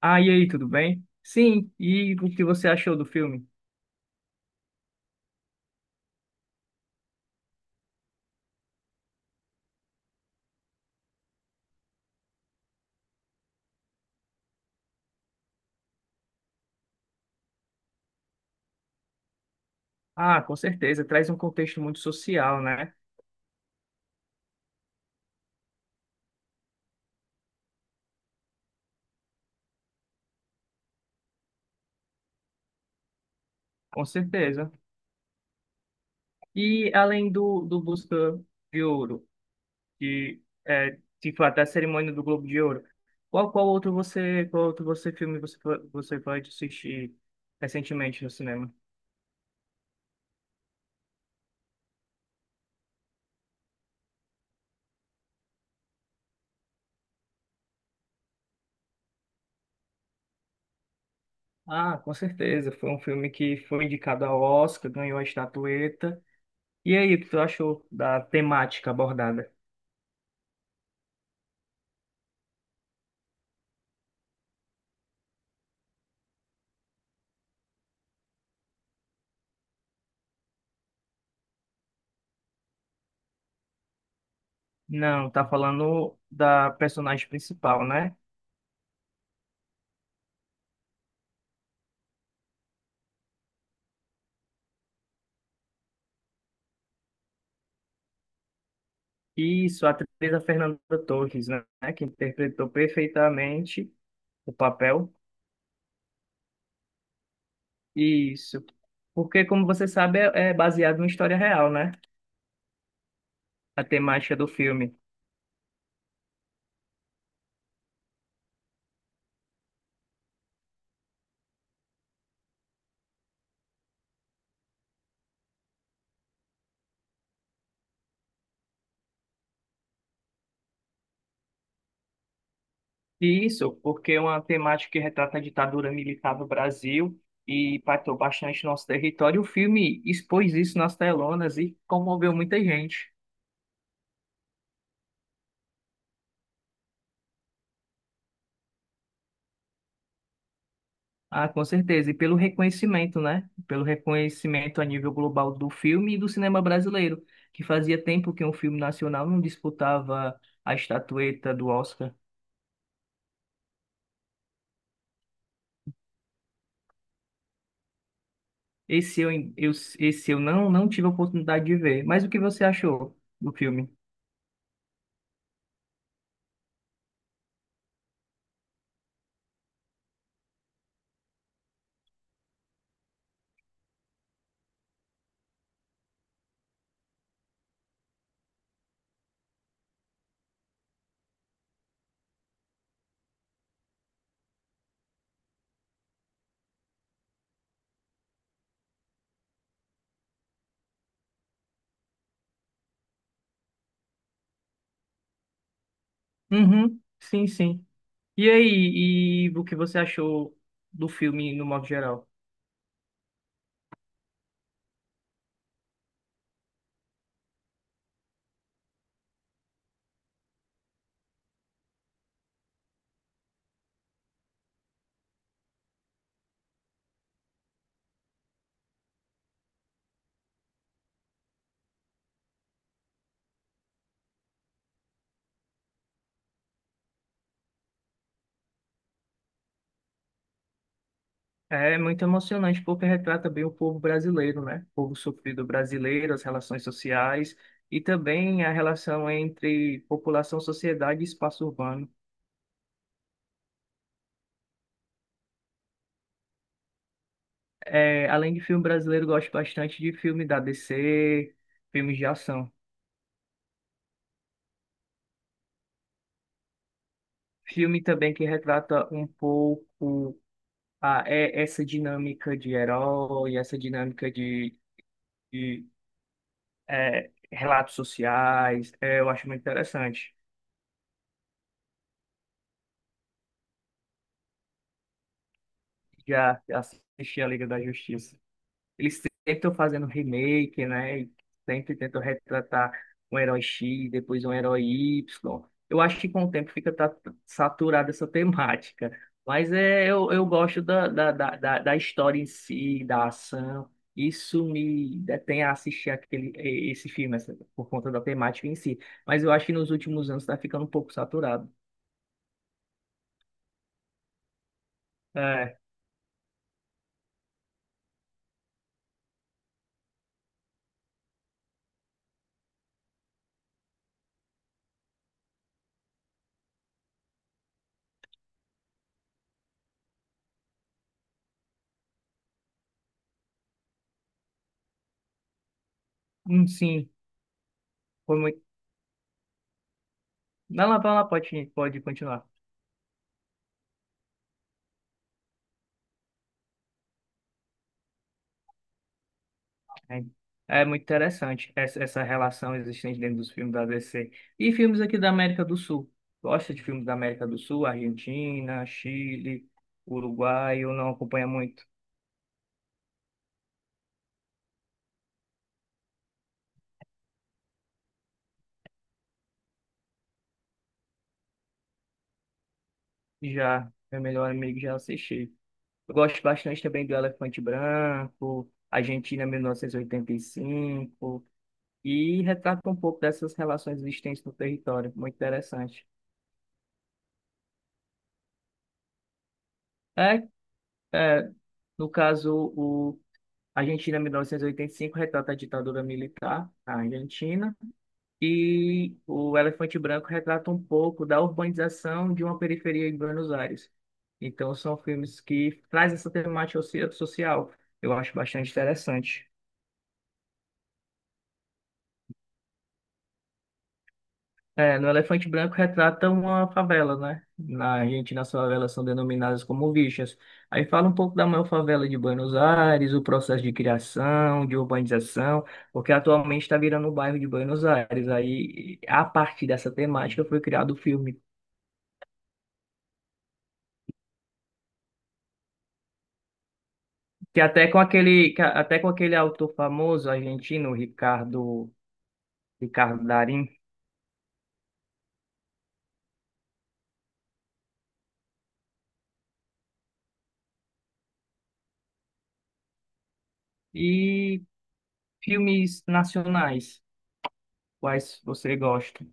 Ah, e aí, tudo bem? Sim, e o que você achou do filme? Ah, com certeza, traz um contexto muito social, né? Com certeza. E além do Busca de Ouro, que é, tipo, até a cerimônia do Globo de Ouro, qual, qual outro você filme você, po- você pode assistir recentemente no cinema? Ah, com certeza, foi um filme que foi indicado ao Oscar, ganhou a estatueta. E aí, o que tu achou da temática abordada? Não, tá falando da personagem principal, né? Isso, a atriz a Fernanda Torres, né? Que interpretou perfeitamente o papel. Isso. Porque, como você sabe, é baseado em história real, né? A temática do filme. E isso, porque é uma temática que retrata a ditadura militar do Brasil e impactou bastante nosso território. O filme expôs isso nas telonas e comoveu muita gente. Ah, com certeza. E pelo reconhecimento, né? Pelo reconhecimento a nível global do filme e do cinema brasileiro, que fazia tempo que um filme nacional não disputava a estatueta do Oscar. Esse eu, eu- esse eu não, não tive a oportunidade de ver. Mas o que você achou do filme? Uhum, sim, sim. E aí, e o que você achou do filme no modo geral? É muito emocionante porque retrata bem o povo brasileiro, né? O povo sofrido brasileiro, as relações sociais e também a relação entre população, sociedade e espaço urbano. É, além de filme brasileiro, gosto bastante de filme da DC, filmes de ação. Filme também que retrata um pouco essa dinâmica de herói, essa dinâmica de, de relatos sociais. É, eu acho muito interessante. Já assisti a Liga da Justiça. Eles sempre estão fazendo remake, né? E sempre tentam retratar um herói X, depois um herói Y. Eu acho que com o tempo fica saturada essa temática. Mas é, eu gosto da história em si, da ação. Isso me detém a assistir aquele esse filme, essa- por conta da temática em si. Mas eu acho que nos últimos anos está ficando um pouco saturado. É, sim, foi muito. Vai lá, pode continuar. É é muito interessante essa, essa relação existente dentro dos filmes da DC. E filmes aqui da América do Sul. Gosta de filmes da América do Sul, Argentina, Chile, Uruguai, eu não acompanho muito. Já, meu melhor amigo já assisti. Eu gosto bastante também do Elefante Branco, Argentina 1985, e oitenta e cinco, e retrata um pouco dessas relações existentes no território. Muito interessante. É, é, no caso, a Argentina, 1985 retrata a ditadura militar na Argentina. E o Elefante Branco retrata um pouco da urbanização de uma periferia em Buenos Aires. Então, são filmes que trazem essa temática social. Eu acho bastante interessante. É, no Elefante Branco retrata uma favela, né? Na Argentina, as favelas são denominadas como vichas. Aí fala um pouco da maior favela de Buenos Aires, o processo de criação, de urbanização, porque atualmente está virando o bairro de Buenos Aires. Aí, a partir dessa temática, foi criado o filme. Que até com aquele, que a- até com aquele autor famoso argentino, Ricardo Darín, e filmes nacionais, quais você gosta?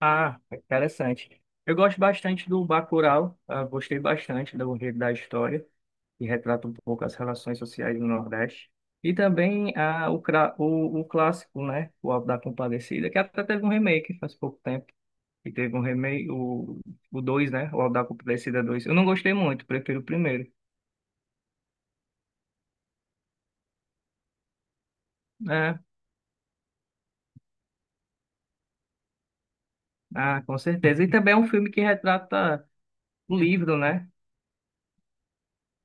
Ah, interessante. Eu gosto bastante do Bacurau, ah, gostei bastante do enredo da história, que retrata um pouco as relações sociais do Nordeste. E também o clássico, né? O Auto da Compadecida, que até teve um remake faz pouco tempo. E teve um remake, o 2, né? O Auto da Compadecida dois. Eu não gostei muito, prefiro o primeiro. É, ah, com certeza. E também é um filme que retrata o livro, né?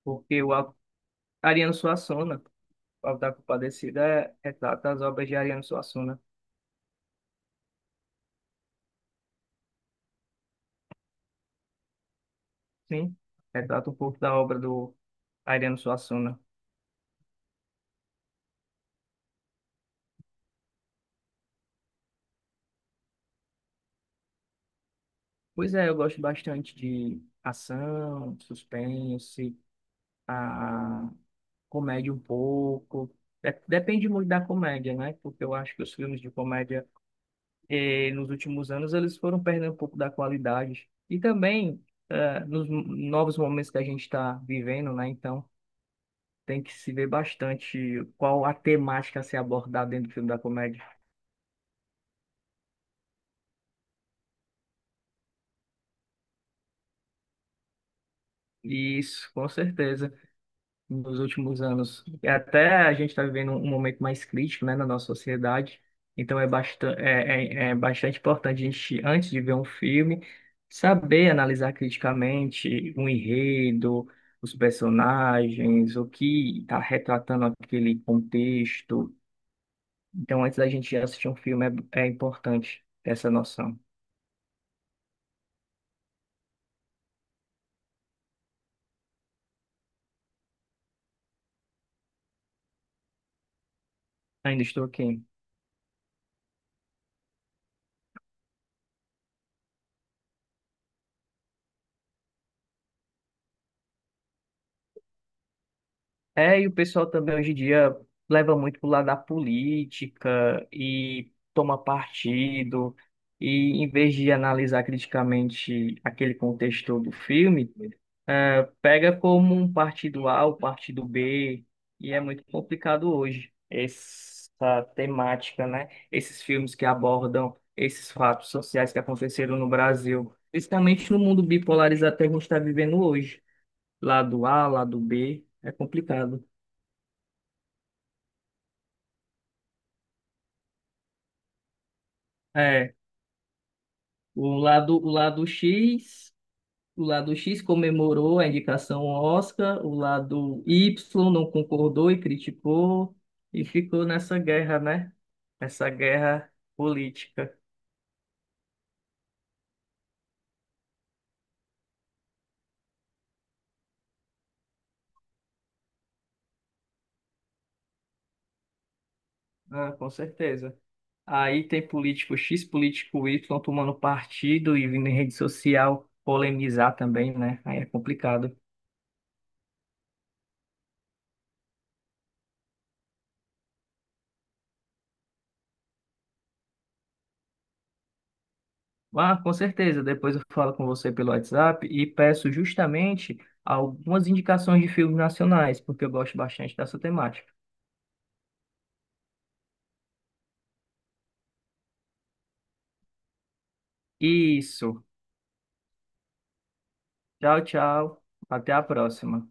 Porque o Ariano Suassuna, o Auto da Compadecida, é- retrata as obras de Ariano Suassuna. Sim, retrata um pouco da obra do Ariano Suassuna. Pois é, eu gosto bastante de ação, suspense, a comédia um pouco. Depende muito da comédia, né? Porque eu acho que os filmes de comédia nos últimos anos eles foram perdendo um pouco da qualidade. E também nos novos momentos que a gente está vivendo, né? Então tem que se ver bastante qual a temática a ser abordada dentro do filme da comédia. Isso, com certeza. Nos últimos anos. E até a gente está vivendo um momento mais crítico, né, na nossa sociedade. Então é bastante importante a gente, antes de ver um filme, saber analisar criticamente o enredo, os personagens, o que está retratando aquele contexto. Então, antes da gente assistir um filme, é importante essa noção. Ainda estou aqui. É, e o pessoal também hoje em dia leva muito pro lado da política e toma partido, e em vez de analisar criticamente aquele contexto do filme, pega como um partido A, o partido B, e é muito complicado hoje essa temática, né? Esses filmes que abordam esses fatos sociais que aconteceram no Brasil, principalmente no mundo bipolarizado que a gente está vivendo hoje, lado A, lado B, é complicado. é O lado, o lado X comemorou a indicação ao Oscar, o lado Y não concordou e criticou, e ficou nessa guerra, né? Essa guerra política. Ah, com certeza. Aí tem político X, político Y tomando partido e vindo em rede social polemizar também, né? Aí é complicado. Ah, com certeza. Depois eu falo com você pelo WhatsApp e peço justamente algumas indicações de filmes nacionais, porque eu gosto bastante dessa temática. Isso. Tchau, tchau. Até a próxima.